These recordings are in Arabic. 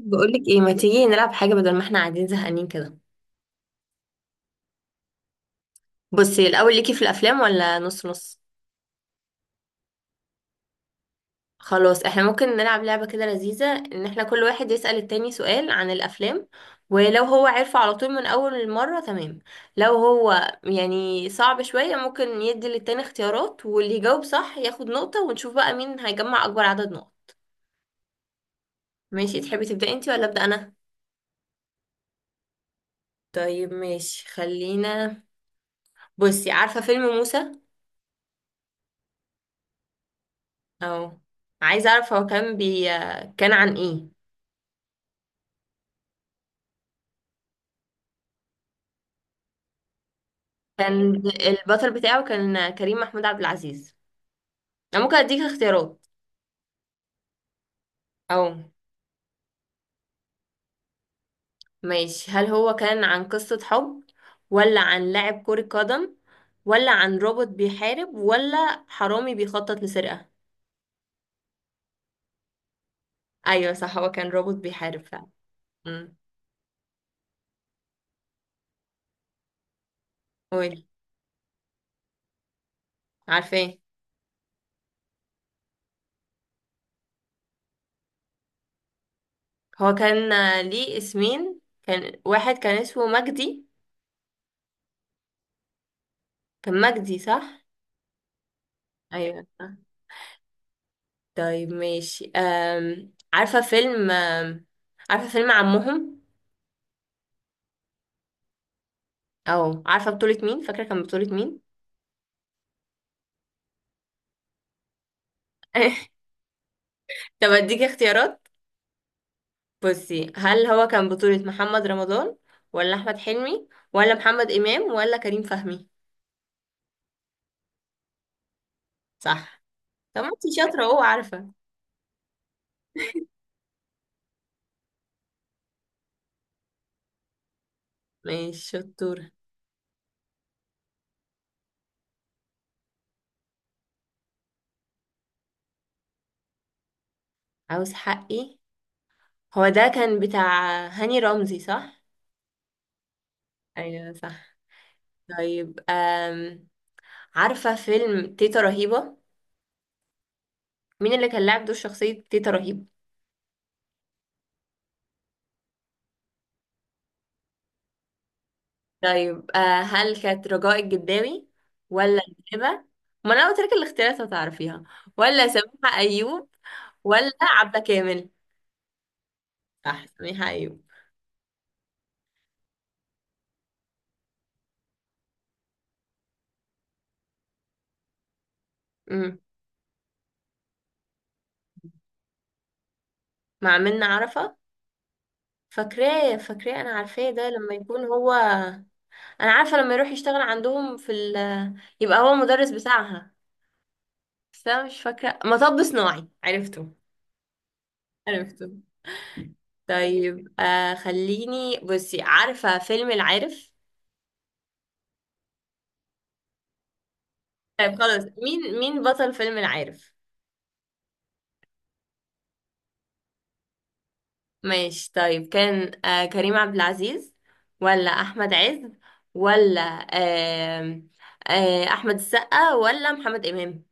بقولك ايه، ما تيجي نلعب حاجة بدل ما احنا قاعدين زهقانين كده؟ بصي، الأول ليكي في الأفلام ولا نص نص؟ خلاص، احنا ممكن نلعب لعبة كده لذيذة ان احنا كل واحد يسأل التاني سؤال عن الأفلام. ولو هو عارفه على طول من أول مرة، تمام. لو هو يعني صعب شوية ممكن يدي للتاني اختيارات، واللي يجاوب صح ياخد نقطة، ونشوف بقى مين هيجمع أكبر عدد نقط. ماشي، تحبي تبدأي انتي ولا أبدأ أنا؟ طيب ماشي، خلينا. بصي، عارفة فيلم موسى؟ اه. عايزه اعرف، هو كان بي كان عن ايه؟ كان البطل بتاعه كان كريم محمود عبد العزيز. انا ممكن اديك اختيارات. اه. ماشي، هل هو كان عن قصة حب، ولا عن لاعب كرة قدم، ولا عن روبوت بيحارب، ولا حرامي بيخطط لسرقة؟ ايوه صح، هو كان روبوت بيحارب فعلا. امم. قولي، عارفاه. هو كان ليه اسمين، كان واحد كان اسمه مجدي. كان مجدي صح. ايوه صح. طيب ماشي، عارفة فيلم عمهم؟ او عارفة بطولة مين، فاكرة كان بطولة مين؟ طب اديكي اختيارات. بصي، هل هو كان بطولة محمد رمضان، ولا احمد حلمي، ولا محمد امام، ولا كريم فهمي؟ صح. طب ما انتي شاطرة اهو، عارفة. ماشي، شطورة. عاوز حقي؟ هو ده كان بتاع هاني رمزي صح؟ ايوه صح. طيب عارفة فيلم تيتا رهيبة؟ مين اللي كان لاعب دور شخصية تيتا رهيبة؟ طيب هل كانت رجاء الجداوي، ولا الهبة؟ ما انا قلت لك الاختيارات هتعرفيها. ولا سميحة ايوب، ولا عبلة كامل؟ صح، سميحة ايوب. امم. مع منة عرفة؟ فاكراه فاكراه، انا عارفاه، ده لما يكون هو. انا عارفة لما يروح يشتغل عندهم يبقى هو مدرس بتاعها. بس انا مش فاكرة، مطب صناعي عرفته. عرفته. طيب خليني بصي، عارفة فيلم العارف؟ طيب خلاص، مين بطل فيلم العارف؟ ماشي طيب، كان كريم عبد العزيز، ولا احمد عز، ولا آه احمد السقا ولا محمد امام؟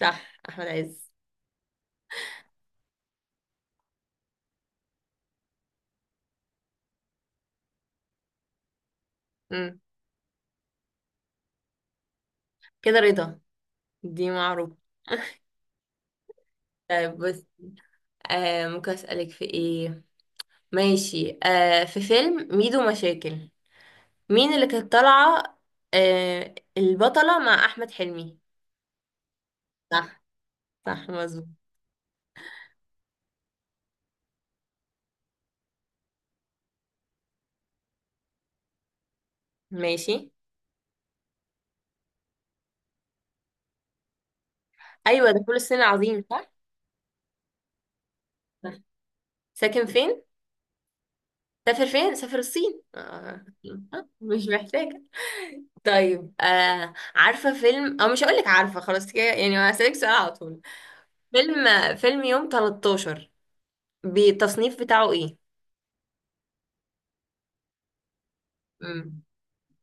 صح، احمد عز. امم كده رضا، دي معروفه. طيب بس ممكن اسالك في ايه؟ ماشي، في فيلم ميدو مشاكل، مين اللي كانت طالعه، البطله مع احمد حلمي؟ صح. صح مظبوط. ماشي. ايوه ده فول الصين العظيم صح؟ صح. ساكن فين؟ سافر فين؟ سافر الصين آه. آه، مش محتاجة. طيب عارفة فيلم، أو مش هقولك عارفة، خلاص كده يعني هسألك سؤال على طول. فيلم فيلم يوم 13 بالتصنيف بتاعه ايه؟ مم.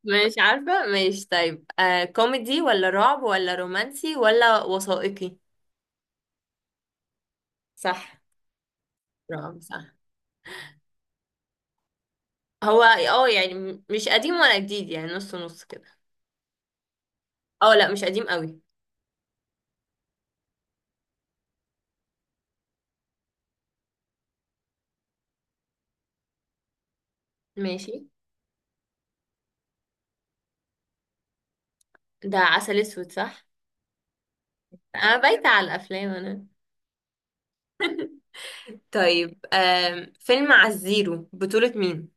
مش عارفة، مش. طيب، آه كوميدي ولا رعب ولا رومانسي ولا وثائقي؟ صح. رعب صح. هو يعني مش قديم ولا جديد، يعني نص نص كده. اه لا، مش قديم قوي. ماشي. ده عسل اسود صح؟ انا بايتة على الافلام انا. طيب فيلم على الزيرو بطولة مين؟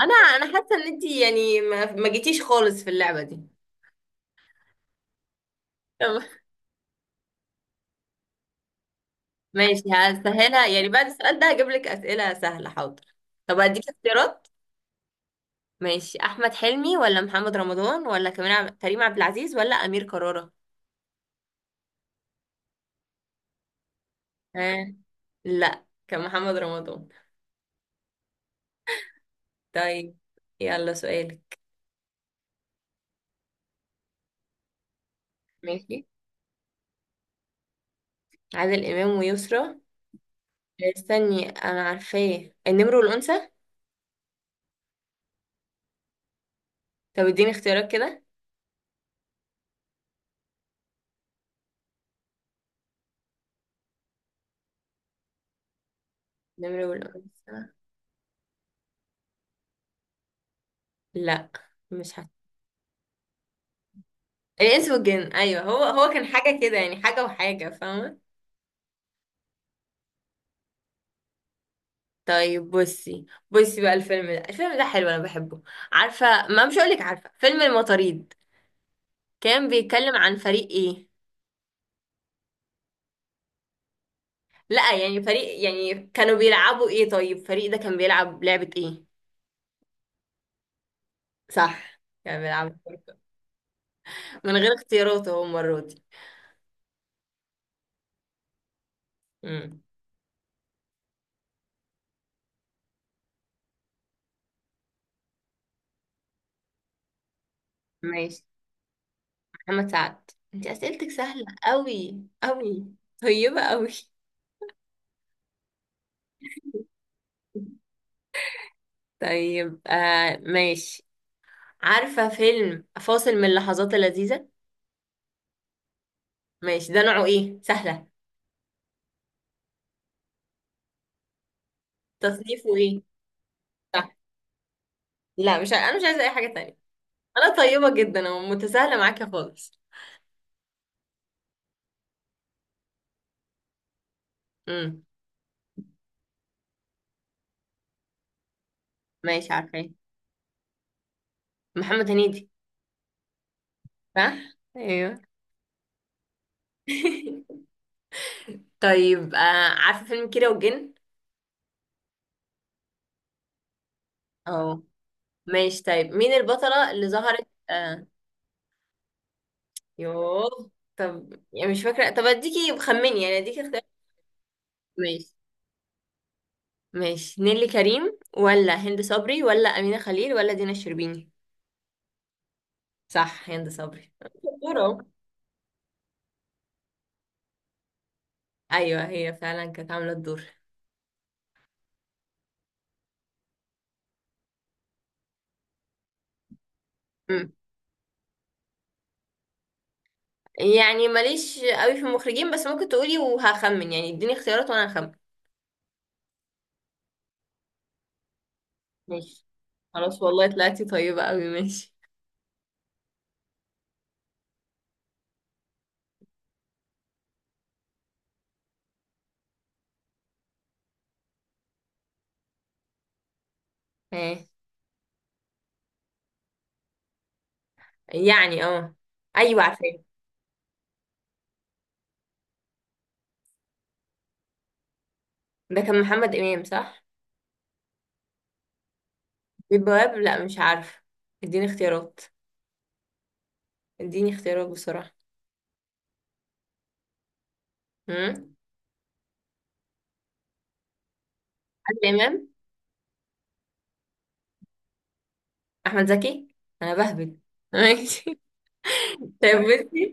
انا حاسه ان انتي يعني ما جيتيش خالص في اللعبه دي. طب ماشي، هسهلها يعني بعد السؤال ده هجيب لك اسئله سهله، حاضر. طب هديك اختيارات. ماشي، احمد حلمي ولا محمد رمضان ولا كريم عبد العزيز ولا امير كرارة؟ آه. لا، كان محمد رمضان. طيب. يلا سؤالك. ماشي، عادل امام ويسرى. استني، انا عارفاه، النمر والانثى؟ طب اديني اختيارات كده. النمر والانثى. لا. مش حتى. الانس والجن، ايوه، هو كان حاجه كده يعني حاجه وحاجه، فاهمه. طيب بصي بقى، الفيلم ده حلو انا بحبه. عارفه، ما مش هقولك عارفه، فيلم المطاريد؟ كان بيتكلم عن فريق ايه؟ لا يعني فريق، يعني كانوا بيلعبوا ايه، طيب فريق ده كان بيلعب لعبه ايه؟ صح، كان بيلعب. من غير اختيارات اهو المره دي. امم. ماشي. محمد سعد، انت اسئلتك سهله قوي قوي. طيبه قوي. طيب ماشي، عارفة فيلم فاصل من اللحظات اللذيذة؟ ماشي، ده نوعه ايه، سهلة. تصنيفه ايه؟ صح. لا، مش ع- انا مش عايزة اي حاجة تانية. انا طيبة جدا ومتساهلة معاكي خالص. امم. ماشي، عارفة ايه؟ محمد هنيدي. صح. ايوه. طيب عارفة فيلم كيرة والجن؟ اه. ماشي طيب، مين البطلة اللي ظهرت؟ يوه. طب يعني مش فاكرة، طب اديكي خمني، يعني اديكي اختيار. ماشي. ماشي، نيلي كريم ولا هند صبري ولا أمينة خليل ولا دينا الشربيني؟ صح، هند صبري. برافو. ايوه، هي فعلا كانت عامله الدور. مم. يعني ماليش قوي في المخرجين، بس ممكن تقولي وهخمن، يعني اديني اختيارات وانا هخمن. ماشي. خلاص والله، طلعتي طيبة قوي، ماشي. ايه؟ يعني اه. ايوه، عارفاه. ده كان محمد امام صح؟ البواب، لا مش عارفه. اديني اختيارات. اديني اختيارات بسرعه. امم. عادل امام. احمد زكي. انا بهبد. ماشي. طيب بصي.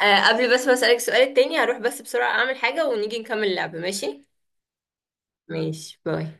قبل بس ما اسالك السؤال التاني، هروح بس بسرعه اعمل حاجه ونيجي نكمل اللعبه، ماشي؟ ماشي باي.